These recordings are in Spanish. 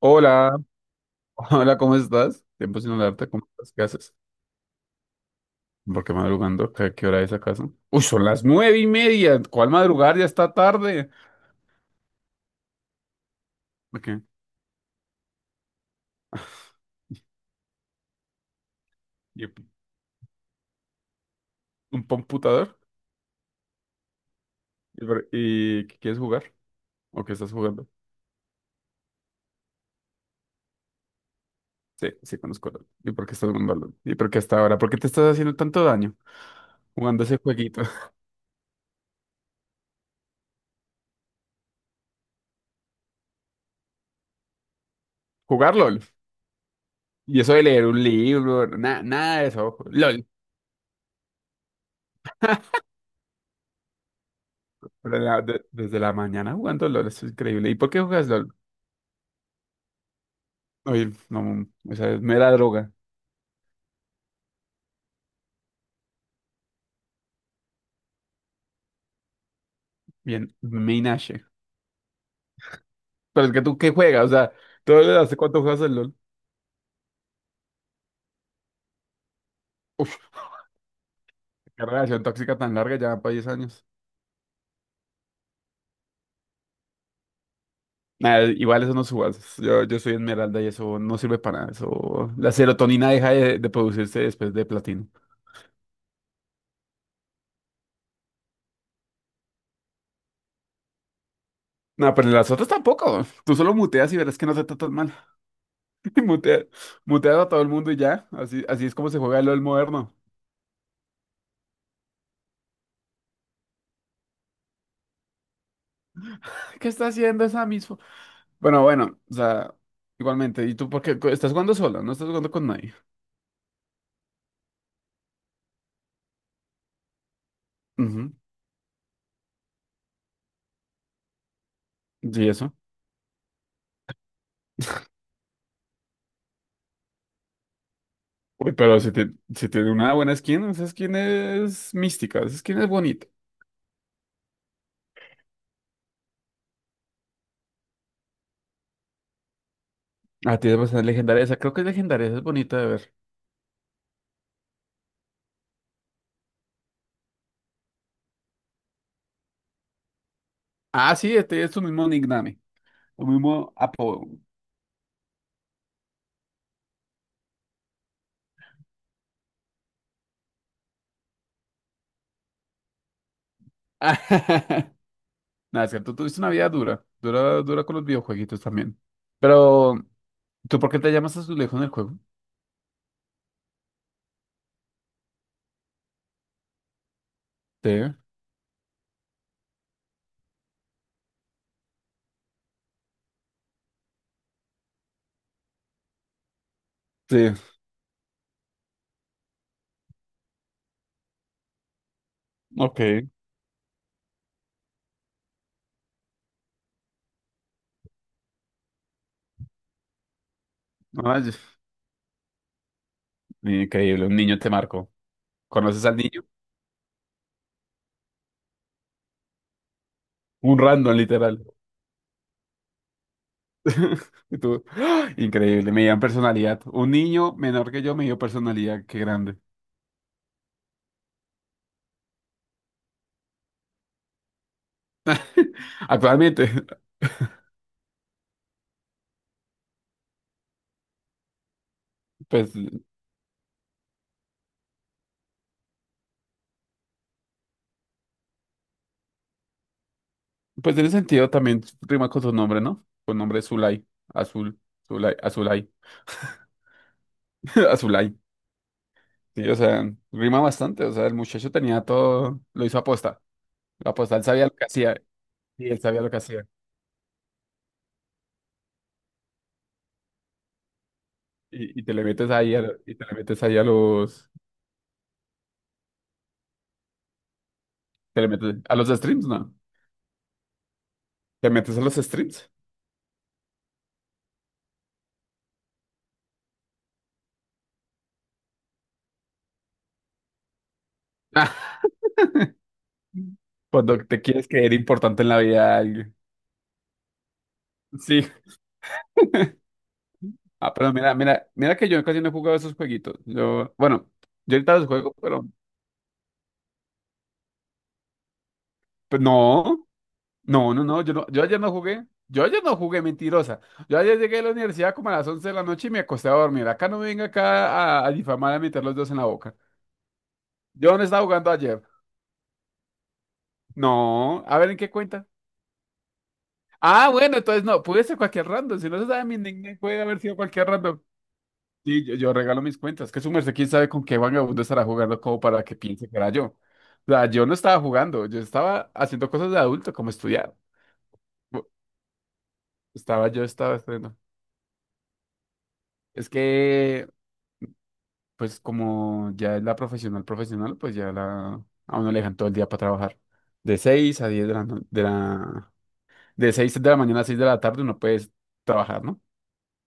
Hola, hola, ¿cómo estás? Tiempo sin hablarte, ¿cómo estás? ¿Qué haces? ¿Por qué madrugando? ¿Qué hora es acaso? Uy, son las 9:30. ¿Cuál madrugar? Ya está tarde. ¿Por ¿Qué? ¿Y ¿Un computador? ¿Y qué quieres jugar? ¿O qué estás jugando? Sí, sí, conozco. LOL. ¿Y por qué estás jugando LOL? ¿Y por qué hasta ahora? ¿Por qué te estás haciendo tanto daño jugando ese jueguito? ¿Jugar LOL? Y eso de leer un libro, nada, nada de eso. LOL. Pero desde la mañana jugando LOL, eso es increíble. ¿Y por qué juegas LOL? Oye, no, esa es mera droga. Bien, Minache. Pero es que tú, ¿qué juegas? O sea, ¿tú desde hace cuánto juegas el LOL? Uf, qué relación tóxica tan larga, ya para 10 años. Nada, igual eso no subas. Yo soy Esmeralda y eso no sirve para nada. Eso, la serotonina deja de producirse después de platino. No, pero las otras tampoco. Tú solo muteas y verás que no te tratan mal. Mutea, muteas a todo el mundo y ya. Así, así es como se juega el LOL moderno. Ay, ¿qué está haciendo esa misma? Bueno, bueno, o sea, igualmente. ¿Y tú por qué estás jugando solo? No estás jugando con nadie. Ujú. ¿Y eso? Uy, pero si tiene una buena skin, esa skin es mística, esa skin es bonita. Ah, tiene bastante legendaria, esa creo que es legendaria, esa es bonita de ver. Ah, sí, este es tu mismo nickname, tu mismo apodo. Nada, es que tú tuviste una vida dura, dura, dura con los videojueguitos también. Pero, ¿tú por qué te llamas Azulejo en el juego? Sí, sí, ok. Ay, increíble, un niño te marcó. ¿Conoces al niño? Un random, literal. Y tú, ¡ah! Increíble, me dieron personalidad. Un niño menor que yo me dio personalidad, qué grande. Actualmente, pues, pues en ese sentido también rima con su nombre, ¿no? Con nombre es Zulay, Azul, Zulay, Azulay, Azulay. Sí, o sea, rima bastante, o sea, el muchacho tenía todo, lo hizo aposta. La aposta, él sabía lo que hacía, y él sabía lo que hacía. Y te le metes ahí a, y te le metes ahí a los, te le metes a los streams, ¿no? ¿Te metes a los streams? Cuando te quieres creer importante en la vida de alguien. Sí. Ah, pero mira, mira, mira que yo casi no he jugado esos jueguitos. Yo, bueno, yo ahorita los juego, pero no, no, no, no, yo no, yo ayer no jugué. Yo ayer no jugué, mentirosa. Yo ayer llegué a la universidad como a las 11 de la noche y me acosté a dormir. Acá no me venga acá a difamar, a meter los dos en la boca. Yo no estaba jugando ayer. No, a ver en qué cuenta. Ah, bueno, entonces no, pude ser cualquier random. Si no se sabe mi nickname, puede haber sido cualquier random. Sí, yo regalo mis cuentas. Que su merced, quién sabe con qué vagabundo estará jugando como para que piense que era yo. O sea, yo no estaba jugando, yo estaba haciendo cosas de adulto, como estudiar. Bu- Estaba yo, estaba estudiando. Es que, pues, como ya es la profesional profesional, pues ya a uno le dejan todo el día para trabajar. De 6 a 10 de la, De 6 de la mañana a 6 de la tarde uno puede trabajar, ¿no?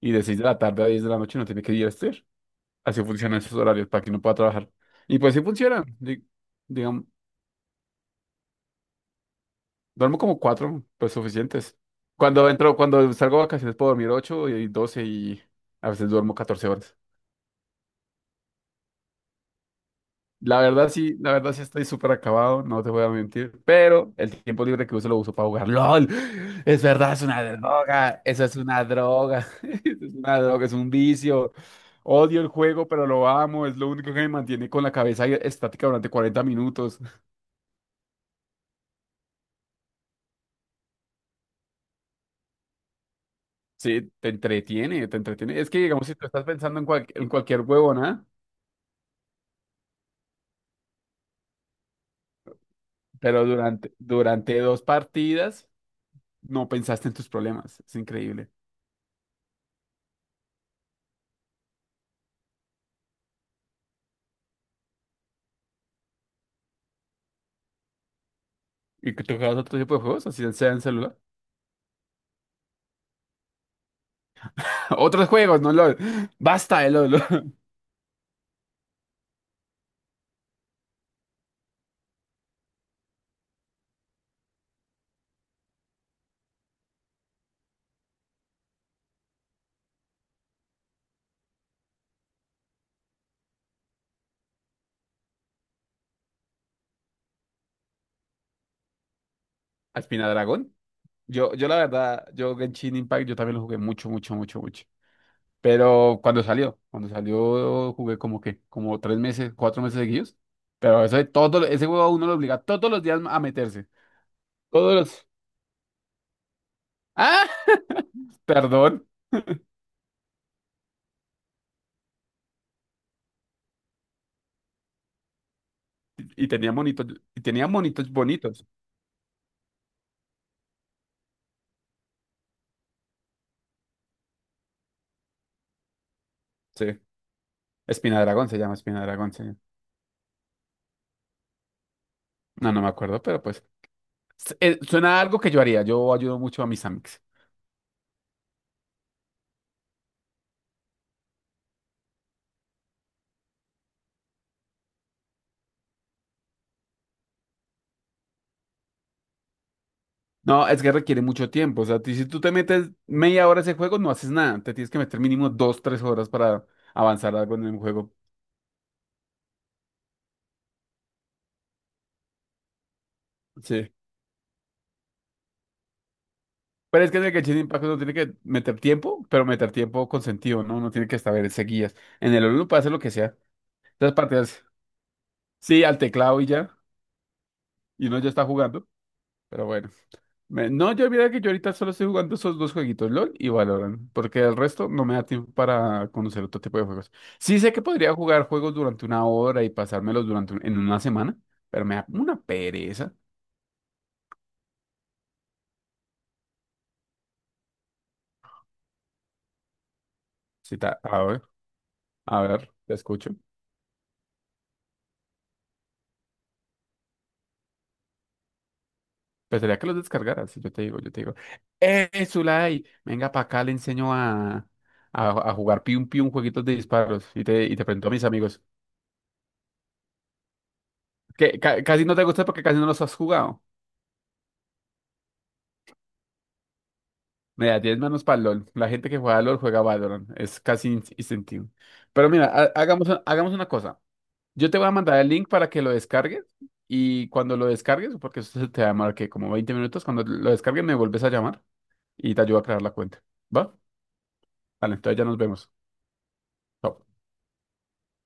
Y de 6 de la tarde a 10 de la noche uno tiene que ir a estudiar. Así funcionan esos horarios para que uno pueda trabajar. Y pues sí funciona. Digamos, duermo como cuatro, pues suficientes. Cuando salgo de vacaciones puedo dormir ocho y doce y a veces duermo 14 horas. La verdad sí estoy súper acabado, no te voy a mentir, pero el tiempo libre que uso lo uso para jugar. ¡LOL! Es verdad, es una droga, eso es una droga, eso es una droga, es un vicio. Odio el juego, pero lo amo, es lo único que me mantiene con la cabeza estática durante 40 minutos. Sí, te entretiene, te entretiene. Es que digamos, si tú estás pensando en cualquier huevona, pero durante dos partidas no pensaste en tus problemas. Es increíble. ¿Y que tú otro tipo de juegos? Así sea en celular. Otros juegos, no LOL. Basta de LOL. Espina Dragón. Yo la verdad, yo Genshin Impact, yo también lo jugué mucho, mucho, mucho, mucho. Pero cuando salió jugué como que, como 3 meses, 4 meses seguidos. Pero eso de todo, ese juego a uno lo obliga todos los días a meterse. Todos los... ¡Ah! Perdón. Y tenía monitos, y tenía monitos bonitos. Sí, Espina de Dragón se llama Espina de Dragón, sí. No, no me acuerdo, pero pues suena a algo que yo haría. Yo ayudo mucho a mis amigos. No, es que requiere mucho tiempo. O sea, si tú te metes media hora a ese juego, no haces nada. Te tienes que meter mínimo 2, 3 horas para avanzar algo en el juego. Sí. Pero es que en el Genshin Impact uno tiene que meter tiempo, pero meter tiempo con sentido, ¿no? Uno tiene que saber seguidas. En el uno puede hacer lo que sea. Las partidas, sí, al teclado y ya. Y uno ya está jugando. Pero bueno. No, yo mira que yo ahorita solo estoy jugando esos dos jueguitos, LOL y Valorant, porque el resto no me da tiempo para conocer otro tipo de juegos. Sí sé que podría jugar juegos durante una hora y pasármelos durante en una semana, pero me da como una pereza. Sí, a ver, te escucho. Pensaría que los descargaras, si yo te digo, ¡eh, Zulay! Venga para acá, le enseño a jugar pium pium jueguitos de disparos y te presento a mis amigos. Que casi no te gusta porque casi no los has jugado. Mira, 10 manos para LOL. La gente que juega LOL juega Valorant. Es casi instintivo. Pero mira, hagamos una cosa. Yo te voy a mandar el link para que lo descargues. Y cuando lo descargues, porque eso se te va a llamar que como 20 minutos, cuando lo descargues me vuelves a llamar y te ayudo a crear la cuenta. ¿Va? Vale, entonces ya nos vemos. Chao.